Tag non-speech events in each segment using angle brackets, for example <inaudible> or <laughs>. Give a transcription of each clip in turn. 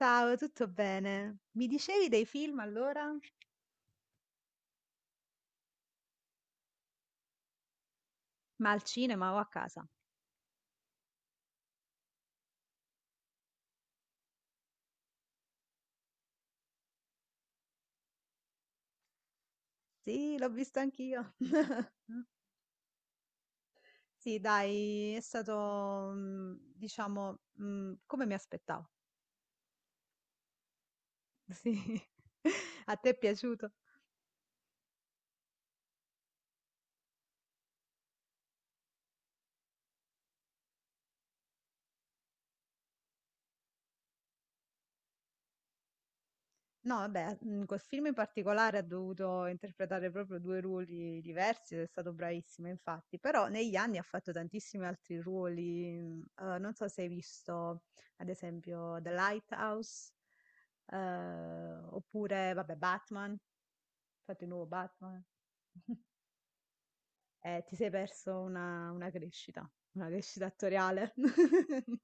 Ciao, tutto bene? Mi dicevi dei film allora? Ma al cinema o a casa? Sì, l'ho visto anch'io. <laughs> Sì, dai, è stato, diciamo, come mi aspettavo. Sì. <laughs> A te è piaciuto? No, vabbè, in quel film in particolare ha dovuto interpretare proprio due ruoli diversi ed è stato bravissimo, infatti, però negli anni ha fatto tantissimi altri ruoli, non so se hai visto, ad esempio, The Lighthouse, eh, oppure, vabbè, Batman, ha fatto il nuovo Batman, e ti sei perso una crescita, una crescita attoriale. <laughs>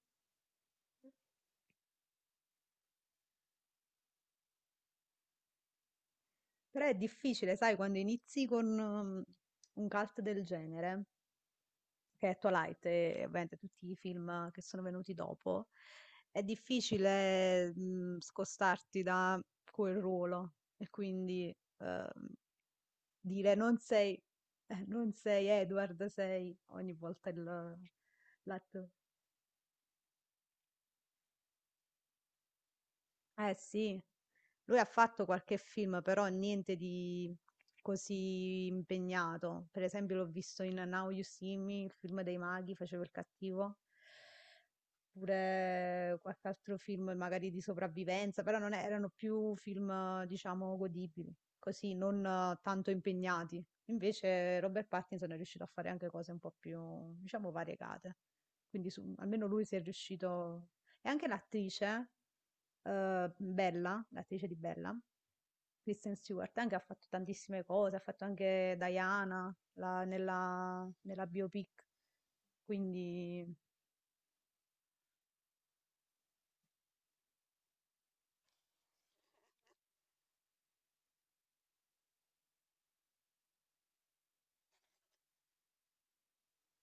Però è difficile, sai, quando inizi con un cult del genere che è Twilight e ovviamente tutti i film che sono venuti dopo, è difficile scostarti da quel ruolo e quindi dire non sei Edward, sei ogni volta l'attore. Eh sì, lui ha fatto qualche film, però niente di così impegnato. Per esempio l'ho visto in Now You See Me, il film dei maghi, facevo il cattivo. Oppure qualche altro film magari di sopravvivenza, però non è- erano più film, diciamo, godibili, così, non tanto impegnati. Invece Robert Pattinson è riuscito a fare anche cose un po' più, diciamo, variegate. Quindi almeno lui si è riuscito... E anche l'attrice, Bella, l'attrice di Bella, Kristen Stewart, anche ha fatto tantissime cose, ha fatto anche Diana nella biopic. Quindi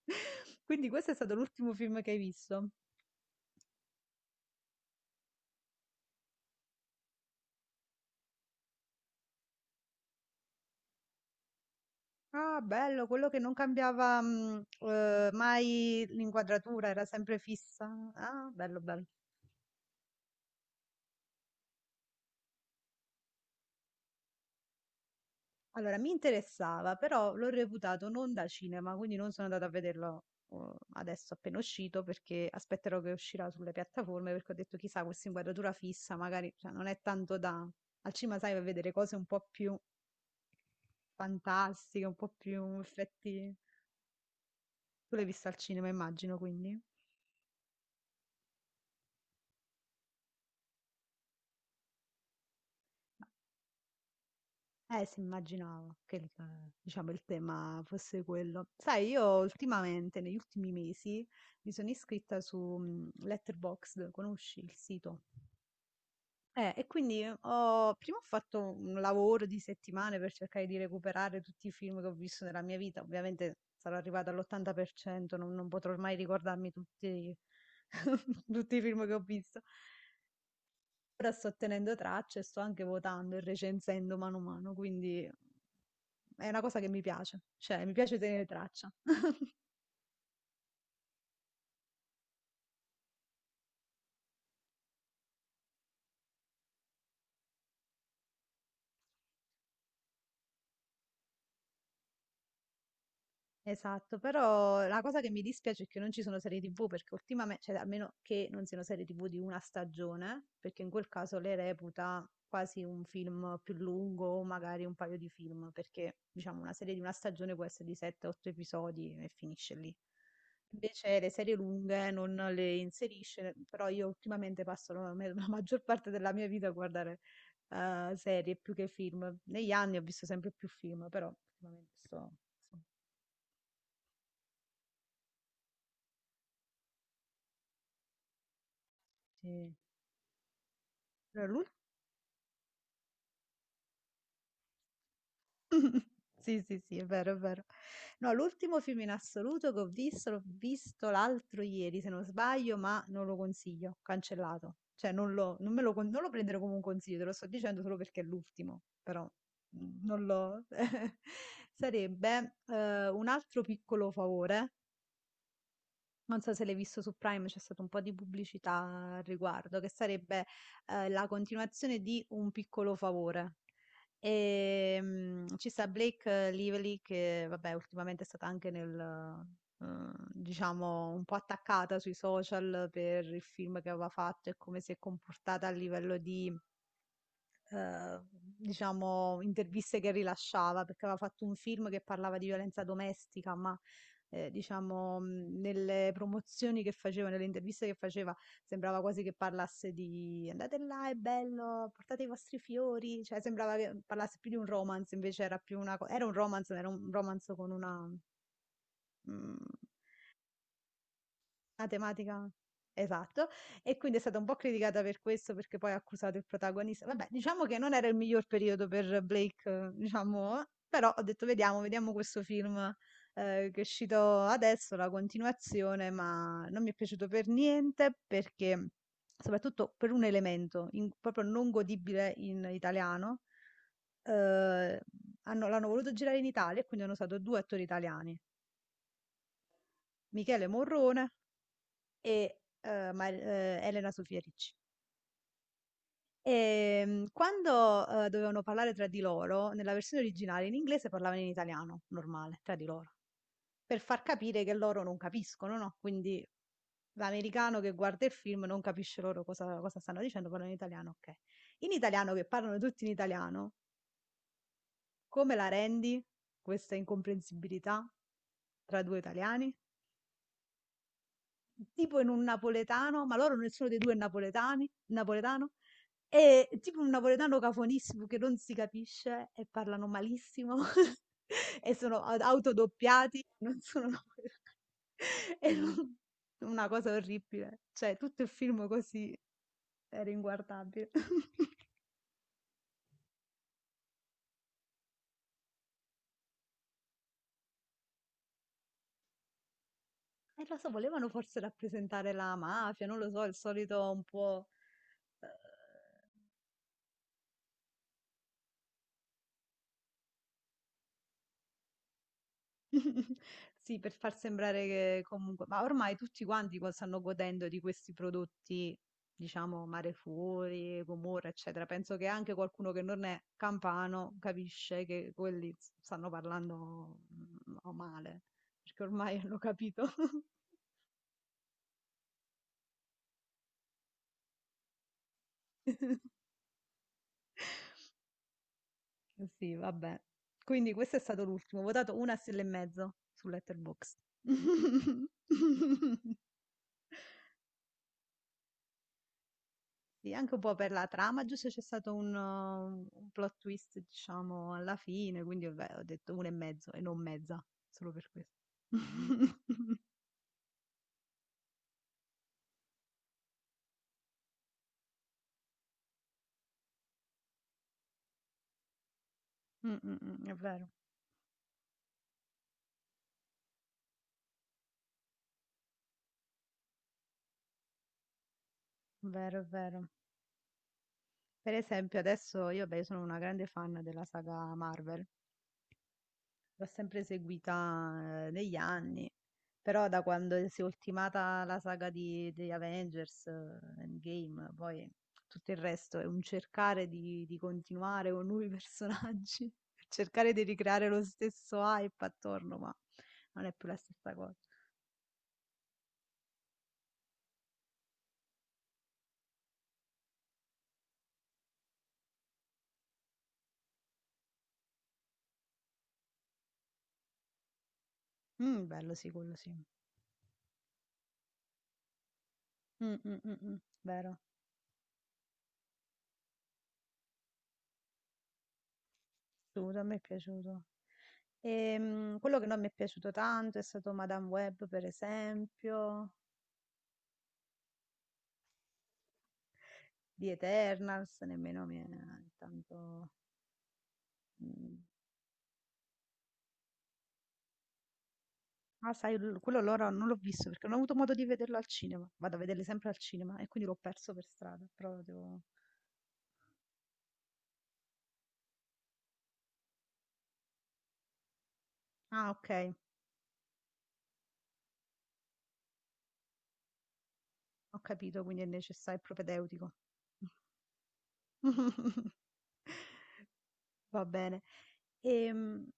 <laughs> Quindi questo è stato l'ultimo film che hai visto? Ah, bello, quello che non cambiava mai l'inquadratura, era sempre fissa. Ah, bello, bello. Allora, mi interessava, però l'ho reputato non da cinema, quindi non sono andata a vederlo eh, adesso appena uscito, perché aspetterò che uscirà sulle piattaforme, perché ho detto, chissà, questa inquadratura fissa, magari, cioè, non è tanto da... Al cinema, sai, vai a vedere cose un po' più fantastiche, un po' più effetti... Tu l'hai visto al cinema, immagino, quindi? Sì, immaginavo che diciamo, il tema fosse quello. Sai, io ultimamente, negli ultimi mesi, mi sono iscritta su Letterboxd, conosci il sito? E quindi prima ho fatto un lavoro di settimane per cercare di recuperare tutti i film che ho visto nella mia vita. Ovviamente sarò arrivata all'80%, non potrò mai ricordarmi tutti, <laughs> tutti i film che ho visto. Ora sto tenendo traccia e sto anche votando e recensendo mano a mano, quindi è una cosa che mi piace, cioè mi piace tenere traccia. Esatto, però la cosa che mi dispiace è che non ci sono serie TV perché ultimamente, cioè almeno che non siano serie TV di una stagione, perché in quel caso le reputa quasi un film più lungo o magari un paio di film, perché diciamo una serie di una stagione può essere di 7-8 episodi e finisce lì. Invece le serie lunghe non le inserisce, però io ultimamente passo la maggior parte della mia vita a guardare serie più che film. Negli anni ho visto sempre più film, però ultimamente sto- sì. No, <laughs> Sì, sì, sì, è vero, è vero. No, l'ultimo film in assoluto che ho visto, l'ho visto l'altro ieri, se non sbaglio, ma non lo consiglio, cancellato. Cioè, non lo prendere come un consiglio, te lo sto dicendo solo perché è l'ultimo, però non lo... <laughs> Sarebbe un altro piccolo favore, non so se l'hai visto su Prime, c'è stata un po' di pubblicità al riguardo, che sarebbe la continuazione di Un piccolo favore. E ci sta Blake Lively che, vabbè, ultimamente è stata anche nel, eh, diciamo, un po' attaccata sui social per il film che aveva fatto e come si è comportata a livello di eh, diciamo, interviste che rilasciava, perché aveva fatto un film che parlava di violenza domestica, ma diciamo, nelle promozioni che faceva, nelle interviste che faceva, sembrava quasi che parlasse di andate là, è bello, portate i vostri fiori, cioè sembrava che parlasse più di un romance, invece era più era un romance, ma era un romance con mm, la tematica esatto. E quindi è stata un po' criticata per questo, perché poi ha accusato il protagonista. Vabbè, diciamo che non era il miglior periodo per Blake, diciamo, però ho detto vediamo, vediamo questo film che è uscito adesso, la continuazione, ma non mi è piaciuto per niente perché, soprattutto per un elemento proprio non godibile in italiano, eh, l'hanno voluto girare in Italia e quindi hanno usato due attori italiani, Michele Morrone e, Mar Elena Sofia Ricci. Quando, dovevano parlare tra di loro, nella versione originale in inglese parlavano in italiano, normale, tra di loro, per far capire che loro non capiscono, no, quindi l'americano che guarda il film non capisce loro cosa stanno dicendo, parlano in italiano, okay. In italiano che parlano tutti in italiano, come la rendi questa incomprensibilità tra 2 italiani? Tipo in un napoletano, ma loro nessuno dei 2 è napoletani napoletano. Tipo un napoletano cafonissimo che non si capisce e parlano malissimo <laughs> e sono a autodoppiati, non sono napoletani. <laughs> E non una cosa orribile. Cioè, tutto il film così era inguardabile. <laughs> E lo so, volevano forse rappresentare la mafia, non lo so, il solito un po', ehm <laughs> Sì, per far sembrare che comunque, ma ormai tutti quanti stanno godendo di questi prodotti, diciamo, Mare Fuori, Gomorra, eccetera. Penso che anche qualcuno che non è campano capisce che quelli stanno parlando o male, perché ormai hanno capito. <laughs> Sì, vabbè. Quindi questo è stato l'ultimo. Ho votato una stella e mezzo su Letterboxd. <laughs> Sì, anche un po' per la trama, giusto c'è stato un plot twist, diciamo, alla fine, quindi vabbè, ho detto uno e mezzo e non mezza, solo per questo. <laughs> Mm, mm, mm, è vero, è vero, è vero. Per esempio, adesso io, beh, sono una grande fan della saga Marvel. L'ho sempre seguita negli anni, però da quando si è ultimata la saga di Avengers Endgame, poi tutto il resto è un cercare di continuare con nuovi personaggi, <laughs> cercare di ricreare lo stesso hype attorno, ma non è più la stessa cosa. Mm, bello sì, quello sì. Mm, mm, mm, mm, vero, assolutamente, a me è piaciuto. Quello che non mi è piaciuto tanto è stato Madame Web, per esempio. Di Eternals, nemmeno mi è tanto... mm. Ah, sai, quello allora non l'ho visto perché non ho avuto modo di vederlo al cinema. Vado a vederli sempre al cinema e quindi l'ho perso per strada. Però devo... Ah, ok, ho capito, quindi è necessario, è propedeutico. <laughs> Va bene. Ehm,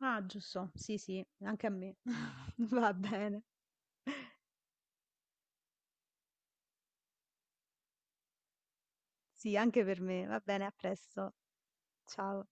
ah, giusto, sì, sì, anche a me. <laughs> Va bene, sì, anche per me. Va bene, a presto. Ciao.